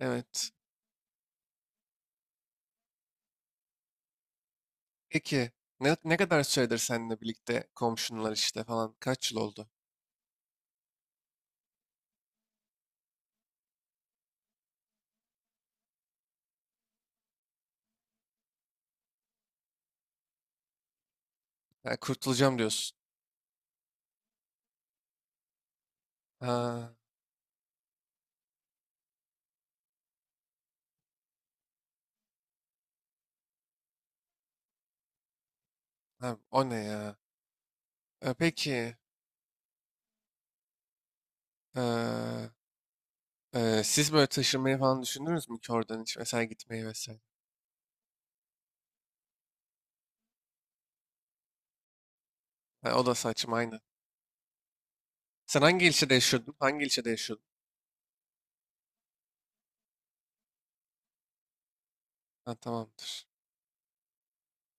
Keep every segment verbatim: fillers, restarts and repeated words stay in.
Evet. Peki ne, ne kadar süredir seninle birlikte komşunlar işte falan kaç yıl oldu? Ya kurtulacağım diyorsun. Ha, ha, o ne ya? E, peki e, e, siz böyle taşınmayı falan düşündünüz mü ki oradan hiç mesela gitmeyi vesaire? Ha, o da saçma aynı. Sen hangi ilçede yaşıyordun? Hangi ilçede yaşıyordun? Ha, tamamdır.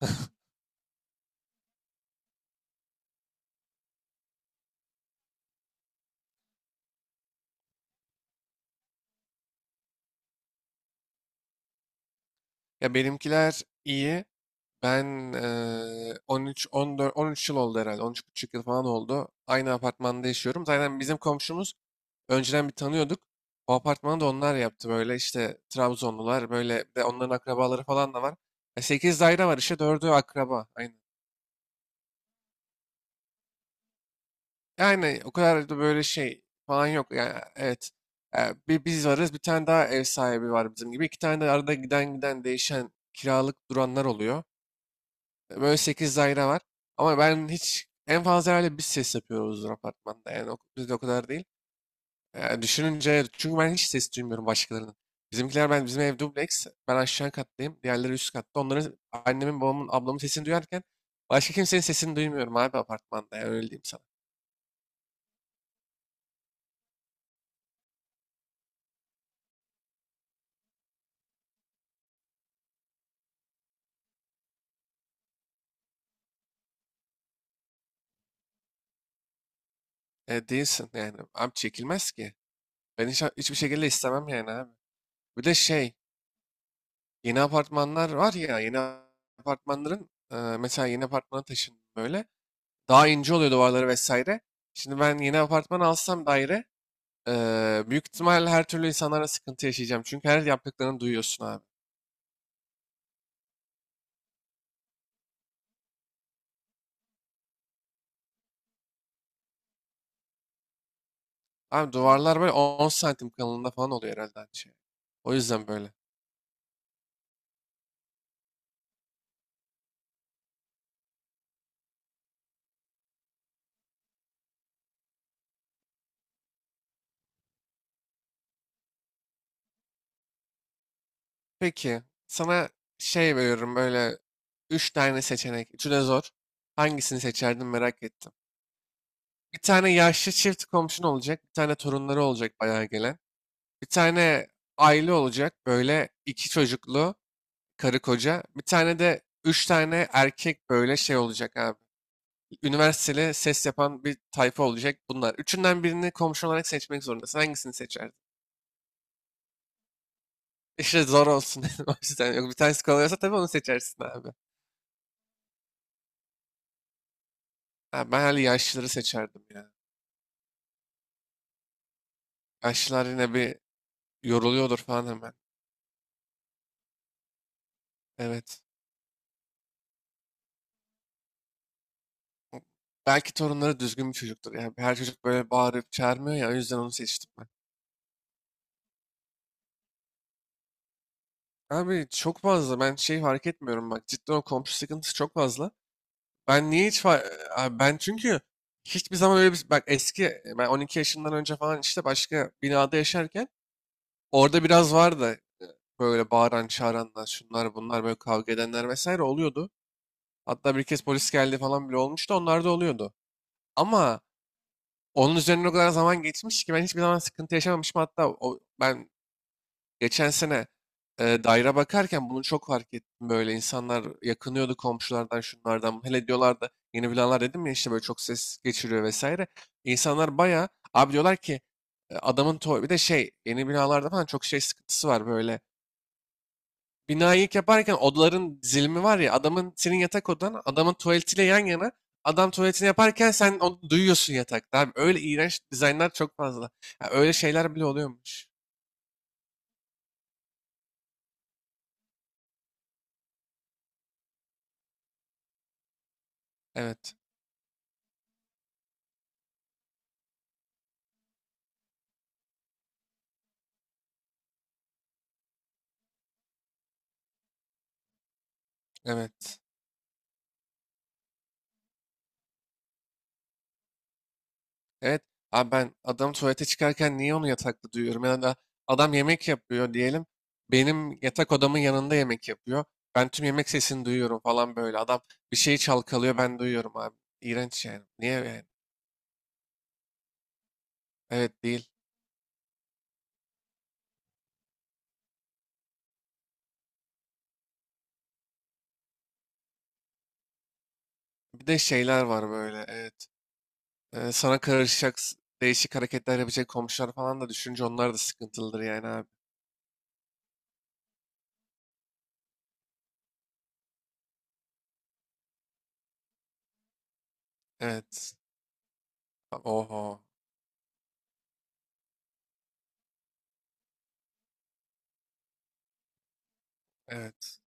Ya benimkiler iyi. Ben eee on üç on dört on üç yıl oldu herhalde. on üç buçuk yıl falan oldu. Aynı apartmanda yaşıyorum. Zaten bizim komşumuz önceden bir tanıyorduk. O apartmanı da onlar yaptı, böyle işte Trabzonlular, böyle bir de onların akrabaları falan da var. sekiz daire var, işte dördü akraba. Aynen. Yani o kadar da böyle şey falan yok. Yani, evet. E, Bir biz varız, bir tane daha ev sahibi var bizim gibi. İki tane de arada giden giden değişen kiralık duranlar oluyor. E, Böyle sekiz daire var. Ama ben hiç, en fazla herhalde biz ses yapıyoruzdur apartmanda. Yani o- bizde o kadar değil. Ee, düşününce, çünkü ben hiç ses duymuyorum başkalarının. Bizimkiler, ben bizim ev dubleks. Ben aşağı kattayım. Diğerleri üst katta. Onların, annemin, babamın, ablamın sesini duyarken başka kimsenin sesini duymuyorum abi apartmanda. Yani öyle diyeyim sana. E, değilsin yani. Abi çekilmez ki. Ben hiç, hiçbir şekilde istemem yani abi. Bir de şey, yeni apartmanlar var ya, yeni apartmanların e, mesela yeni apartmana taşındım böyle. Daha ince oluyor duvarları vesaire. Şimdi ben yeni apartman alsam, daire eee, büyük ihtimalle her türlü insanlara sıkıntı yaşayacağım. Çünkü her yaptıklarını duyuyorsun abi. Abi duvarlar böyle on santim kalınlığında falan oluyor herhalde aynı şey. O yüzden böyle. Peki sana şey veriyorum, böyle üç tane seçenek. Üçü de zor. Hangisini seçerdin merak ettim. Bir tane yaşlı çift komşun olacak. Bir tane torunları olacak bayağı gelen. Bir tane aile olacak, böyle iki çocuklu, karı koca. Bir tane de üç tane erkek böyle şey olacak abi. Üniversiteli ses yapan bir tayfa olacak bunlar. Üçünden birini komşu olarak seçmek zorundasın. Hangisini seçerdin? İşte zor olsun dedim. O yüzden, yok bir tanesi kolay tabii onu seçersin abi. Ha, ben hani yaşlıları seçerdim ya. Yaşlılar yine bir yoruluyordur falan hemen. Evet. Belki torunları düzgün bir çocuktur. Yani her çocuk böyle bağırıp çağırmıyor ya, o yüzden onu seçtim ben. Abi çok fazla ben şey fark etmiyorum, bak cidden o komşu sıkıntısı çok fazla. Ben niye hiç fa- e, abi, ben çünkü hiçbir zaman öyle, bir bak, eski, ben on iki yaşından önce falan işte başka binada yaşarken orada biraz vardı e, böyle bağıran çağıranlar, şunlar bunlar, böyle kavga edenler vesaire oluyordu. Hatta bir kez polis geldi falan bile olmuştu, onlar da oluyordu. Ama onun üzerine o kadar zaman geçmiş ki ben hiçbir zaman sıkıntı yaşamamışım, hatta o, ben geçen sene e, daire bakarken bunu çok fark ettim. Böyle insanlar yakınıyordu komşulardan, şunlardan. Hele diyorlardı yeni binalar, dedim ya işte böyle çok ses geçiriyor vesaire. İnsanlar baya abi diyorlar ki, e, adamın tuva- bir de şey yeni binalarda falan çok şey sıkıntısı var böyle. Binayı ilk yaparken odaların dizilimi var ya, adamın, senin yatak odan adamın tuvaletiyle yan yana, adam tuvaletini yaparken sen onu duyuyorsun yatakta. Abi öyle iğrenç dizaynlar çok fazla. Ya öyle şeyler bile oluyormuş. Evet. Evet. Evet. Abi ben adam tuvalete çıkarken niye onu yatakta duyuyorum? Ya da adam yemek yapıyor diyelim. Benim yatak odamın yanında yemek yapıyor. Ben tüm yemek sesini duyuyorum falan böyle. Adam bir şeyi çalkalıyor, ben duyuyorum abi. İğrenç yani. Niye yani? Evet, değil. Bir de şeyler var böyle, evet. Ee, sana karışacak s- değişik hareketler yapacak komşular falan da düşünce onlar da sıkıntılıdır yani abi. Evet. Oho. Evet.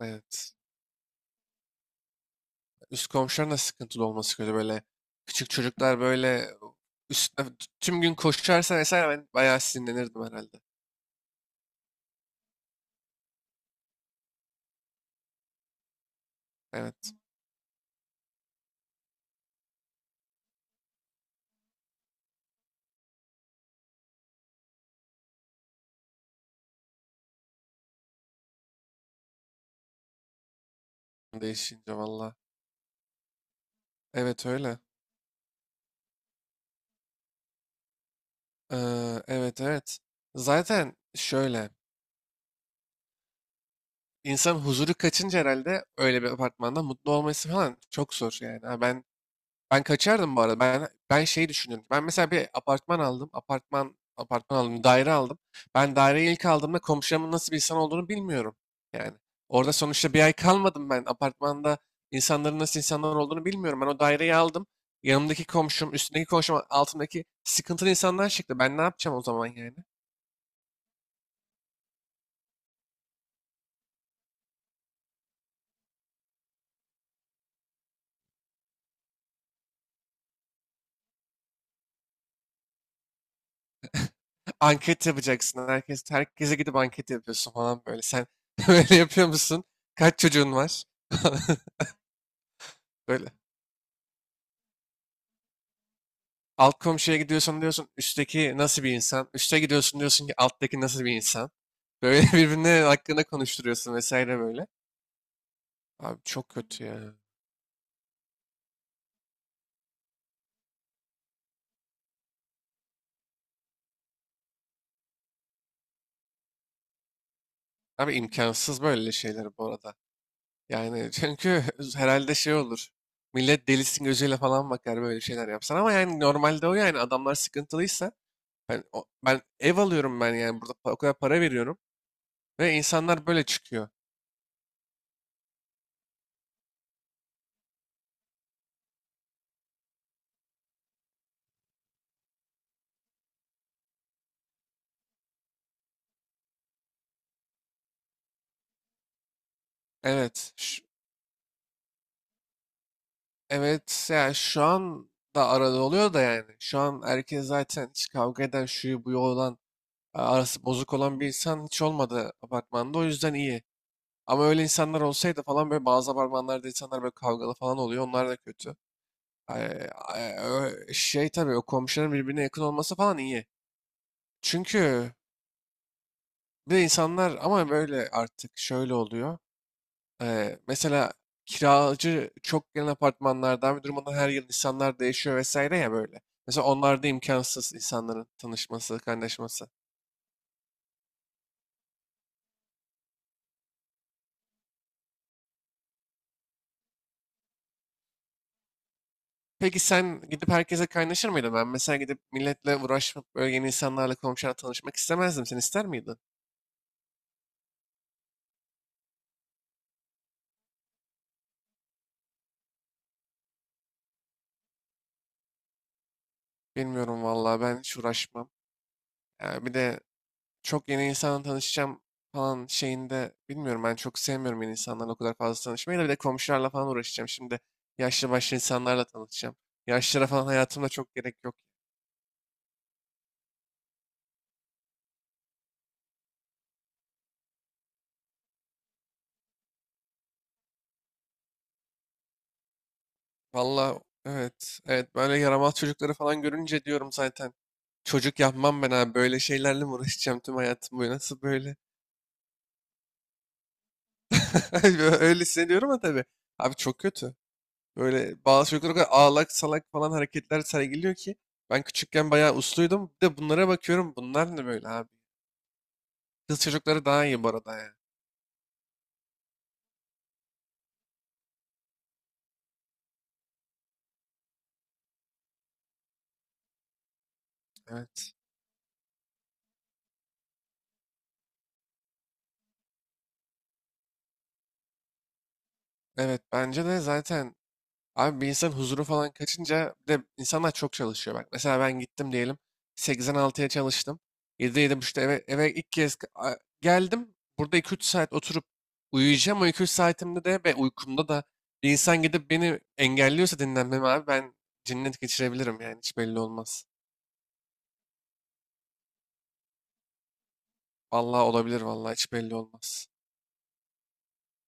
Evet. Üst komşuların da sıkıntılı olması kötü böyle. Küçük çocuklar böyle üstüne t- tüm gün koşarsa vesaire ben bayağı sinirlenirdim herhalde. Evet, değişince valla. Evet, öyle. Ee, evet, evet. Zaten şöyle, insan huzuru kaçınca herhalde öyle bir apartmanda mutlu olması falan çok zor yani. Ha, ben Ben kaçardım bu arada. Ben ben şey düşünüyorum. Ben mesela bir apartman aldım. Apartman apartman aldım. Daire aldım. Ben daireyi ilk aldığımda komşumun nasıl bir insan olduğunu bilmiyorum. Yani orada sonuçta bir ay kalmadım ben. Apartmanda insanların nasıl insanlar olduğunu bilmiyorum. Ben o daireyi aldım. Yanımdaki komşum, üstündeki komşum, altındaki sıkıntılı insanlar çıktı. Ben ne yapacağım o zaman yani? Anket yapacaksın. Herkes, herkese gidip anket yapıyorsun falan böyle. Sen böyle yapıyor musun? Kaç çocuğun var? Böyle. Alt komşuya gidiyorsun, diyorsun üstteki nasıl bir insan? Üste gidiyorsun, diyorsun ki alttaki nasıl bir insan? Böyle birbirine hakkında konuşturuyorsun vesaire böyle. Abi çok kötü ya. Abi imkansız böyle şeyler bu arada. Yani çünkü herhalde şey olur. Millet delisin gözüyle falan bakar böyle şeyler yapsan, ama yani normalde o, yani adamlar sıkıntılıysa, Ben, o- ben ev alıyorum, ben yani burada pa- o kadar para veriyorum ve insanlar böyle çıkıyor. Evet. ş- evet yani şu an da arada oluyor da yani. Şu an herkes zaten, hiç kavga eden, şuyu buyu olan, a- arası bozuk olan bir insan hiç olmadı apartmanda, o yüzden iyi. Ama öyle insanlar olsaydı falan, böyle bazı apartmanlarda insanlar böyle kavgalı falan oluyor. Onlar da kötü. Ay- ay- ö- Şey, tabii o komşuların birbirine yakın olması falan iyi. Çünkü bir de insanlar ama böyle artık şöyle oluyor. Eee, mesela kiracı çok gelen apartmanlardan bir durumda her yıl insanlar değişiyor vesaire ya, böyle. Mesela onlarda imkansız insanların tanışması, kaynaşması. Peki sen gidip herkese kaynaşır mıydın? Ben mesela gidip milletle uğraşıp böyle yeni insanlarla, komşularla tanışmak istemezdim. Sen ister miydin? Bilmiyorum vallahi, ben hiç uğraşmam. Yani bir de çok yeni insanla tanışacağım falan şeyinde, bilmiyorum, ben çok sevmiyorum yeni insanlarla o kadar fazla tanışmayı, da bir de komşularla falan uğraşacağım. Şimdi yaşlı başlı insanlarla tanışacağım. Yaşlılara falan hayatımda çok gerek yok. Valla evet, evet, böyle yaramaz çocukları falan görünce diyorum zaten. Çocuk yapmam ben abi, böyle şeylerle mi uğraşacağım tüm hayatım boyu, nasıl böyle? Öyle hissediyorum ama tabii. Abi çok kötü. Böyle bazı çocuklar o kadar ağlak salak falan hareketler sergiliyor ki. Ben küçükken bayağı usluydum. Bir de bunlara bakıyorum. Bunlar ne böyle abi? Kız çocukları daha iyi bu arada ya. Evet. Evet, bence de zaten abi, bir insan huzuru falan kaçınca, bir de insanlar çok çalışıyor bak. Mesela ben gittim diyelim seksen altıya çalıştım. yedide, yedi buçukta eve, eve ilk kez a- geldim. Burada iki üç saat oturup uyuyacağım. O iki üç saatimde de, ve uykumda da bir insan gidip beni engelliyorsa dinlenmemi, abi ben cinnet geçirebilirim yani, hiç belli olmaz. Vallahi olabilir vallahi, hiç belli olmaz.